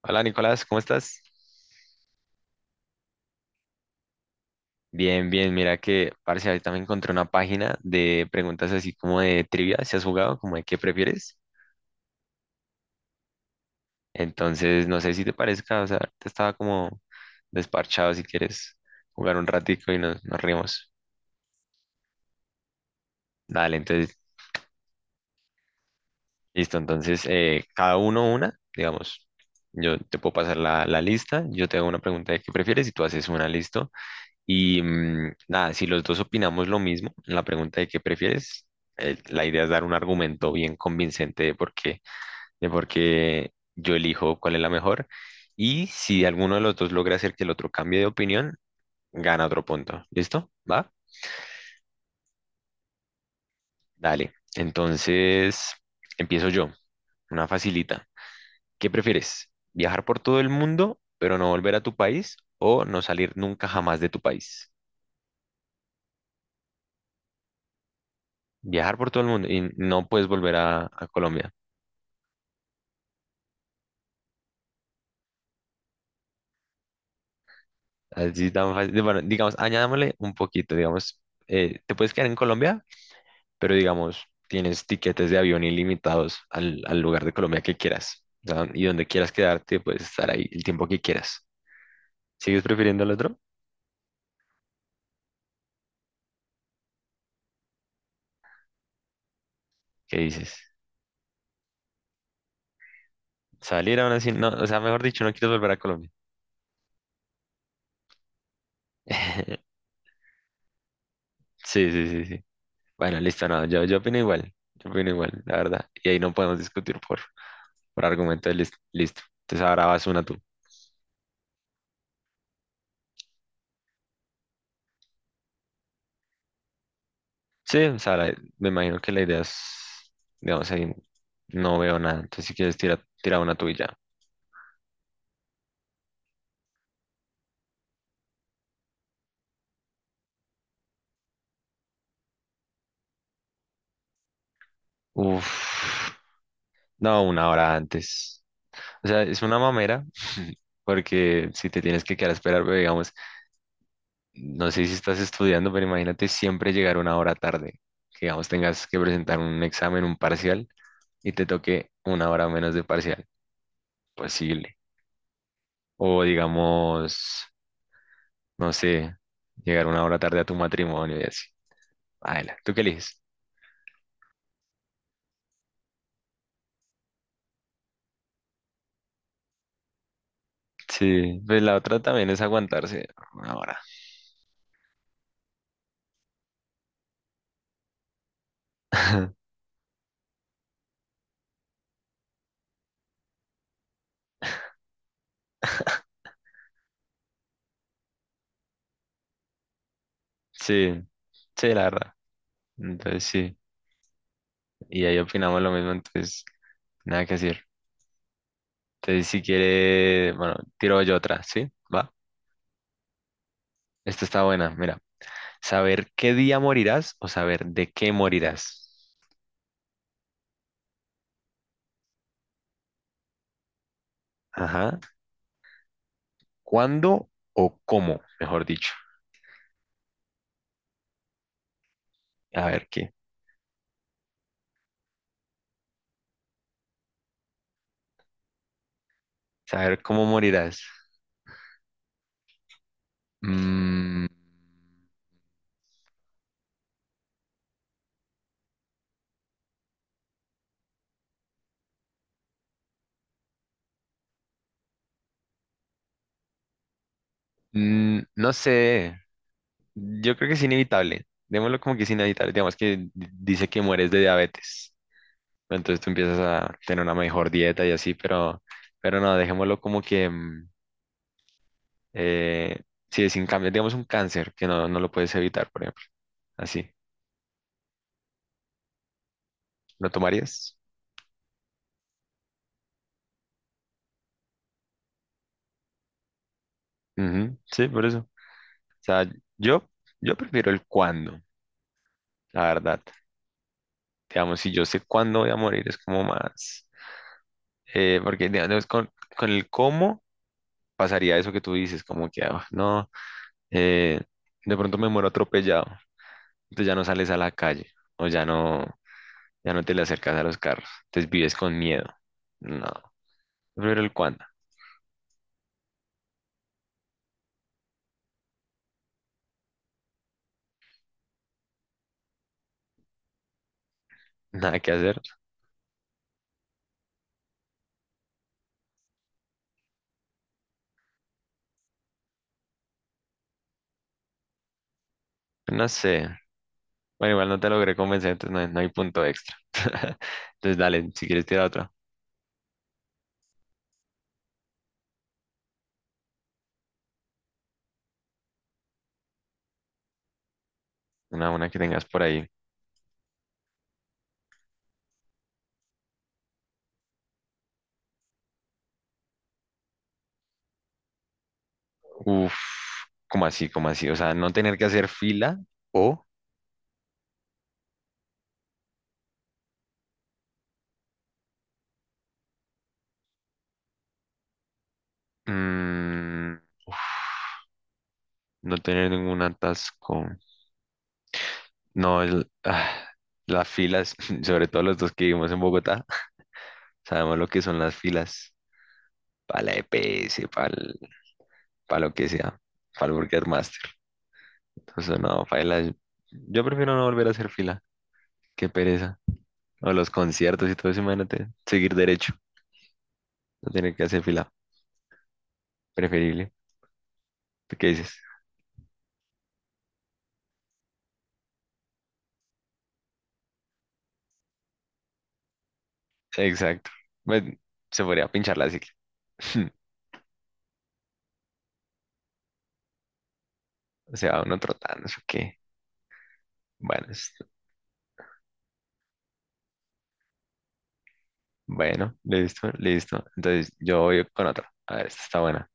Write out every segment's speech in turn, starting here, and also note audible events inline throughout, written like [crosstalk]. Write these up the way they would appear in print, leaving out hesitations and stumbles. Hola Nicolás, ¿cómo estás? Bien, bien, mira que, parce, ahorita me encontré una página de preguntas así como de trivia, si has jugado, como de qué prefieres. Entonces, no sé si te parezca, o sea, te estaba como desparchado si quieres jugar un ratico y nos rimos. Dale, entonces, listo, entonces, cada uno una, digamos, yo te puedo pasar la lista, yo te hago una pregunta de qué prefieres y tú haces una, listo. Y nada, si los dos opinamos lo mismo en la pregunta de qué prefieres, la idea es dar un argumento bien convincente de por qué yo elijo cuál es la mejor. Y si alguno de los dos logra hacer que el otro cambie de opinión, gana otro punto. ¿Listo? ¿Va? Dale. Entonces, empiezo yo. Una facilita. ¿Qué prefieres? ¿Viajar por todo el mundo, pero no volver a tu país? ¿O no salir nunca jamás de tu país? Viajar por todo el mundo y no puedes volver a Colombia. Así tan fácil. Bueno, digamos, añadámosle un poquito, digamos, te puedes quedar en Colombia, pero digamos, tienes tiquetes de avión ilimitados al lugar de Colombia que quieras. O sea, y donde quieras quedarte, puedes estar ahí el tiempo que quieras. ¿Sigues prefiriendo el otro? ¿Qué dices? Salir aún así, no, o sea, mejor dicho, no quieres volver a Colombia. [laughs] Sí, sí, sí, sí. Bueno, listo, no, yo opino igual, yo opino igual, la verdad. Y ahí no podemos discutir por argumento de listo. Entonces ahora vas una tú. Sí, o sea, me imagino que la idea es, digamos, ahí no veo nada. Entonces, si quieres, tira, tira una tuya. Uf, no, una hora antes. O sea, es una mamera, porque si te tienes que quedar a esperar, pero digamos, no sé si estás estudiando, pero imagínate siempre llegar una hora tarde. Que, digamos, tengas que presentar un examen, un parcial, y te toque una hora menos de parcial. Posible. O, digamos, no sé, llegar una hora tarde a tu matrimonio y así. Baila, ¿tú qué eliges? Sí, pues la otra también es aguantarse una hora. [laughs] Sí, sí, la verdad. Entonces sí, y ahí opinamos lo mismo, entonces nada que decir. Entonces si quiere, bueno, tiro yo otra, ¿sí? Va. Esta está buena, mira. Saber qué día morirás o saber de qué morirás. Ajá. ¿Cuándo o cómo, mejor dicho? A ver qué. Saber cómo morirás. Mm, no sé. Yo creo que es inevitable. Démoslo como que es inevitable. Digamos que dice que mueres de diabetes. Entonces tú empiezas a tener una mejor dieta y así, pero no, dejémoslo como que eh, si es sin cambio, digamos un cáncer que no, no lo puedes evitar, por ejemplo. Así. ¿Lo tomarías? Ujú, sí, por eso. O sea, yo, yo prefiero el cuándo, la verdad. Digamos, si yo sé cuándo voy a morir, es como más, porque digamos, con el cómo pasaría eso que tú dices, como que ah, no. eh, de pronto me muero atropellado, entonces ya no sales a la calle o ya no te le acercas a los carros, entonces vives con miedo. No, pero el cuándo, [laughs] nada que hacer, pues no sé. Bueno, igual no te logré convencer, entonces no hay punto extra. [laughs] Entonces dale, si quieres tirar otra, una que tengas por ahí. Uf, como así, o sea, no tener que hacer fila o mm, uf, no tener ningún atasco. No, las filas, [laughs] sobre todo los dos que vivimos en Bogotá, [laughs] sabemos lo que son las filas para la EPS para lo que sea, para el Burger Master. Entonces, no, paila, yo prefiero no volver a hacer fila, qué pereza. O los conciertos y todo eso, imagínate, seguir derecho, no tener que hacer fila, preferible. ¿Tú qué dices? Exacto. Pues, se podría pinchar la cicla. [laughs] O sea uno trotando, eso qué. Bueno, bueno, listo, listo. Entonces, yo voy con otra. A ver, esta está buena.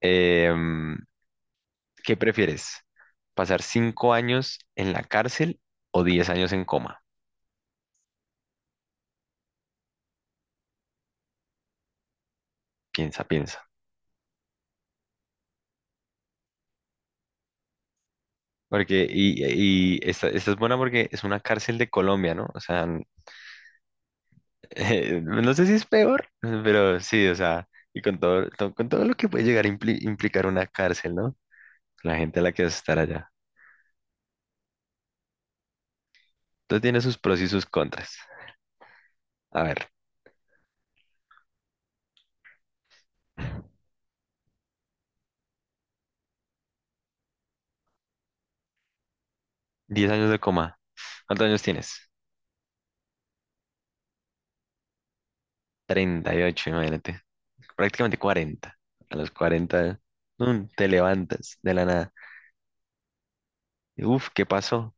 Em, ¿Qué prefieres? ¿Pasar 5 años en la cárcel o 10 años en coma? Piensa, piensa. Porque, y esta es buena porque es una cárcel de Colombia, ¿no? O sea, [laughs] no sé si es peor, pero sí, o sea, y con todo, con todo lo que puede llegar a implicar una cárcel, ¿no? La gente a la que vas a estar allá. Entonces tiene sus pros y sus contras. A ver, 10 años de coma. ¿Cuántos años tienes? 38, imagínate. Prácticamente 40. A los 40, te levantas de la nada. Uf, ¿qué pasó?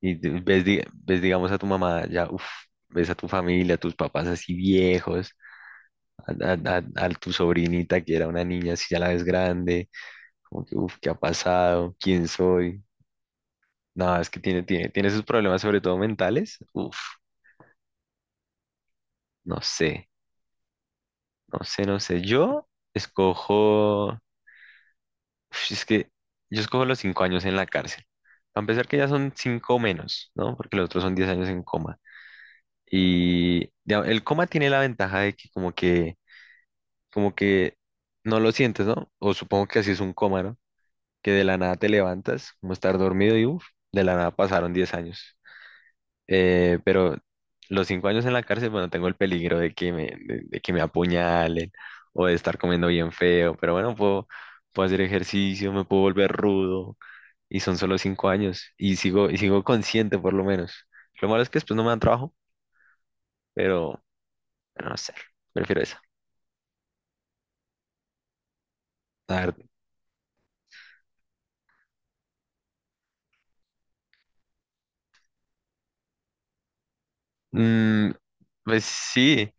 Y ves, ves, digamos, a tu mamá, ya, uf, ves a tu familia, a tus papás así viejos, a tu sobrinita que era una niña, así ya la ves grande, como que, uf, ¿qué ha pasado? ¿Quién soy? No, es que tiene sus problemas, sobre todo mentales. Uf, no sé, no sé, no sé. Yo escojo. Uf, es que yo escojo los 5 años en la cárcel. Para empezar, que ya son cinco menos, ¿no? Porque los otros son 10 años en coma. Y ya, el coma tiene la ventaja de que como que no lo sientes, ¿no? O supongo que así es un coma, ¿no? Que de la nada te levantas, como estar dormido y uff, de la nada pasaron 10 años. Pero los 5 años en la cárcel, bueno, tengo el peligro de que me apuñalen o de estar comiendo bien feo. Pero bueno, puedo hacer ejercicio, me puedo volver rudo y son solo 5 años y sigo consciente por lo menos. Lo malo es que después no me dan trabajo, pero no sé, prefiero esa. A ver, mm, pues sí,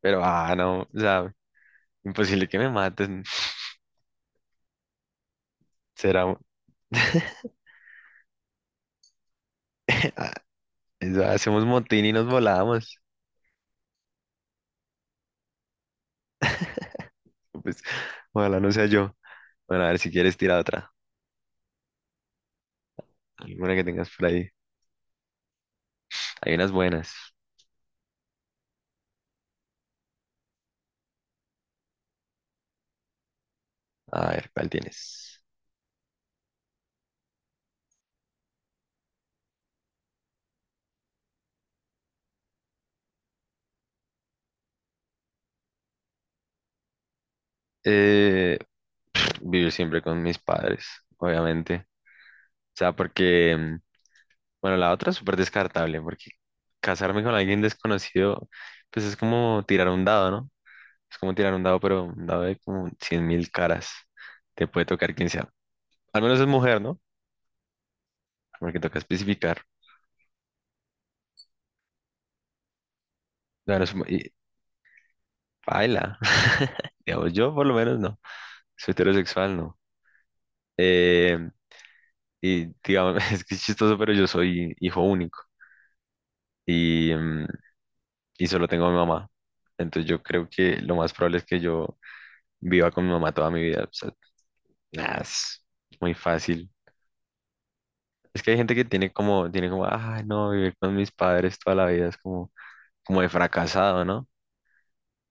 pero ah, no, o sea, imposible que me maten. Será, [laughs] Ah, eso, hacemos motín y nos volamos. Pues, ojalá no sea yo. Bueno, a ver si quieres tirar otra, alguna que tengas por ahí. Hay unas buenas. A ver, ¿cuál tienes? Eh, vivir siempre con mis padres, obviamente. O sea, porque bueno, la otra es súper descartable, porque casarme con alguien desconocido, pues es como tirar un dado, ¿no? Es como tirar un dado, pero un dado de como 100.000 caras. Te puede tocar quien sea. Al menos es mujer, ¿no? Porque toca especificar. Claro, es y baila. [laughs] Digamos, yo por lo menos no. Soy heterosexual, no. Eh, y digamos, [laughs] es que es chistoso, pero yo soy hijo único y, mm, y solo tengo a mi mamá. Entonces yo creo que lo más probable es que yo viva con mi mamá toda mi vida. Nah, es muy fácil. Es que hay gente que tiene como, ay no, vivir con mis padres toda la vida es como de fracasado, ¿no?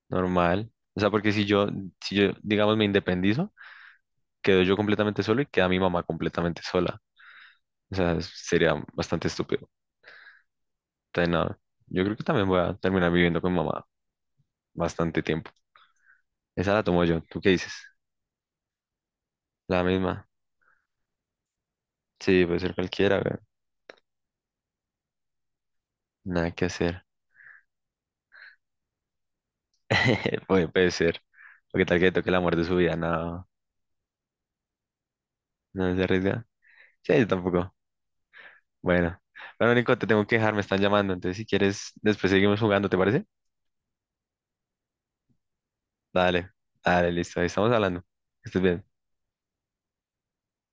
Normal. O sea, porque si yo, digamos, me independizo, quedo yo completamente solo y queda mi mamá completamente sola. O sea, sería bastante estúpido. Entonces, no, yo creo que también voy a terminar viviendo con mi mamá bastante tiempo. Esa la tomo yo. ¿Tú qué dices? La misma. Sí, puede ser cualquiera, güey. Nada que hacer. [laughs] Puede ser. O qué tal que le toque el amor de su vida, no, no se arriesga. Sí, yo tampoco. Bueno, bueno, Nico, te tengo que dejar, me están llamando. Entonces, si quieres, después seguimos jugando, ¿te parece? Dale, dale, listo, ahí estamos hablando. Que estés bien.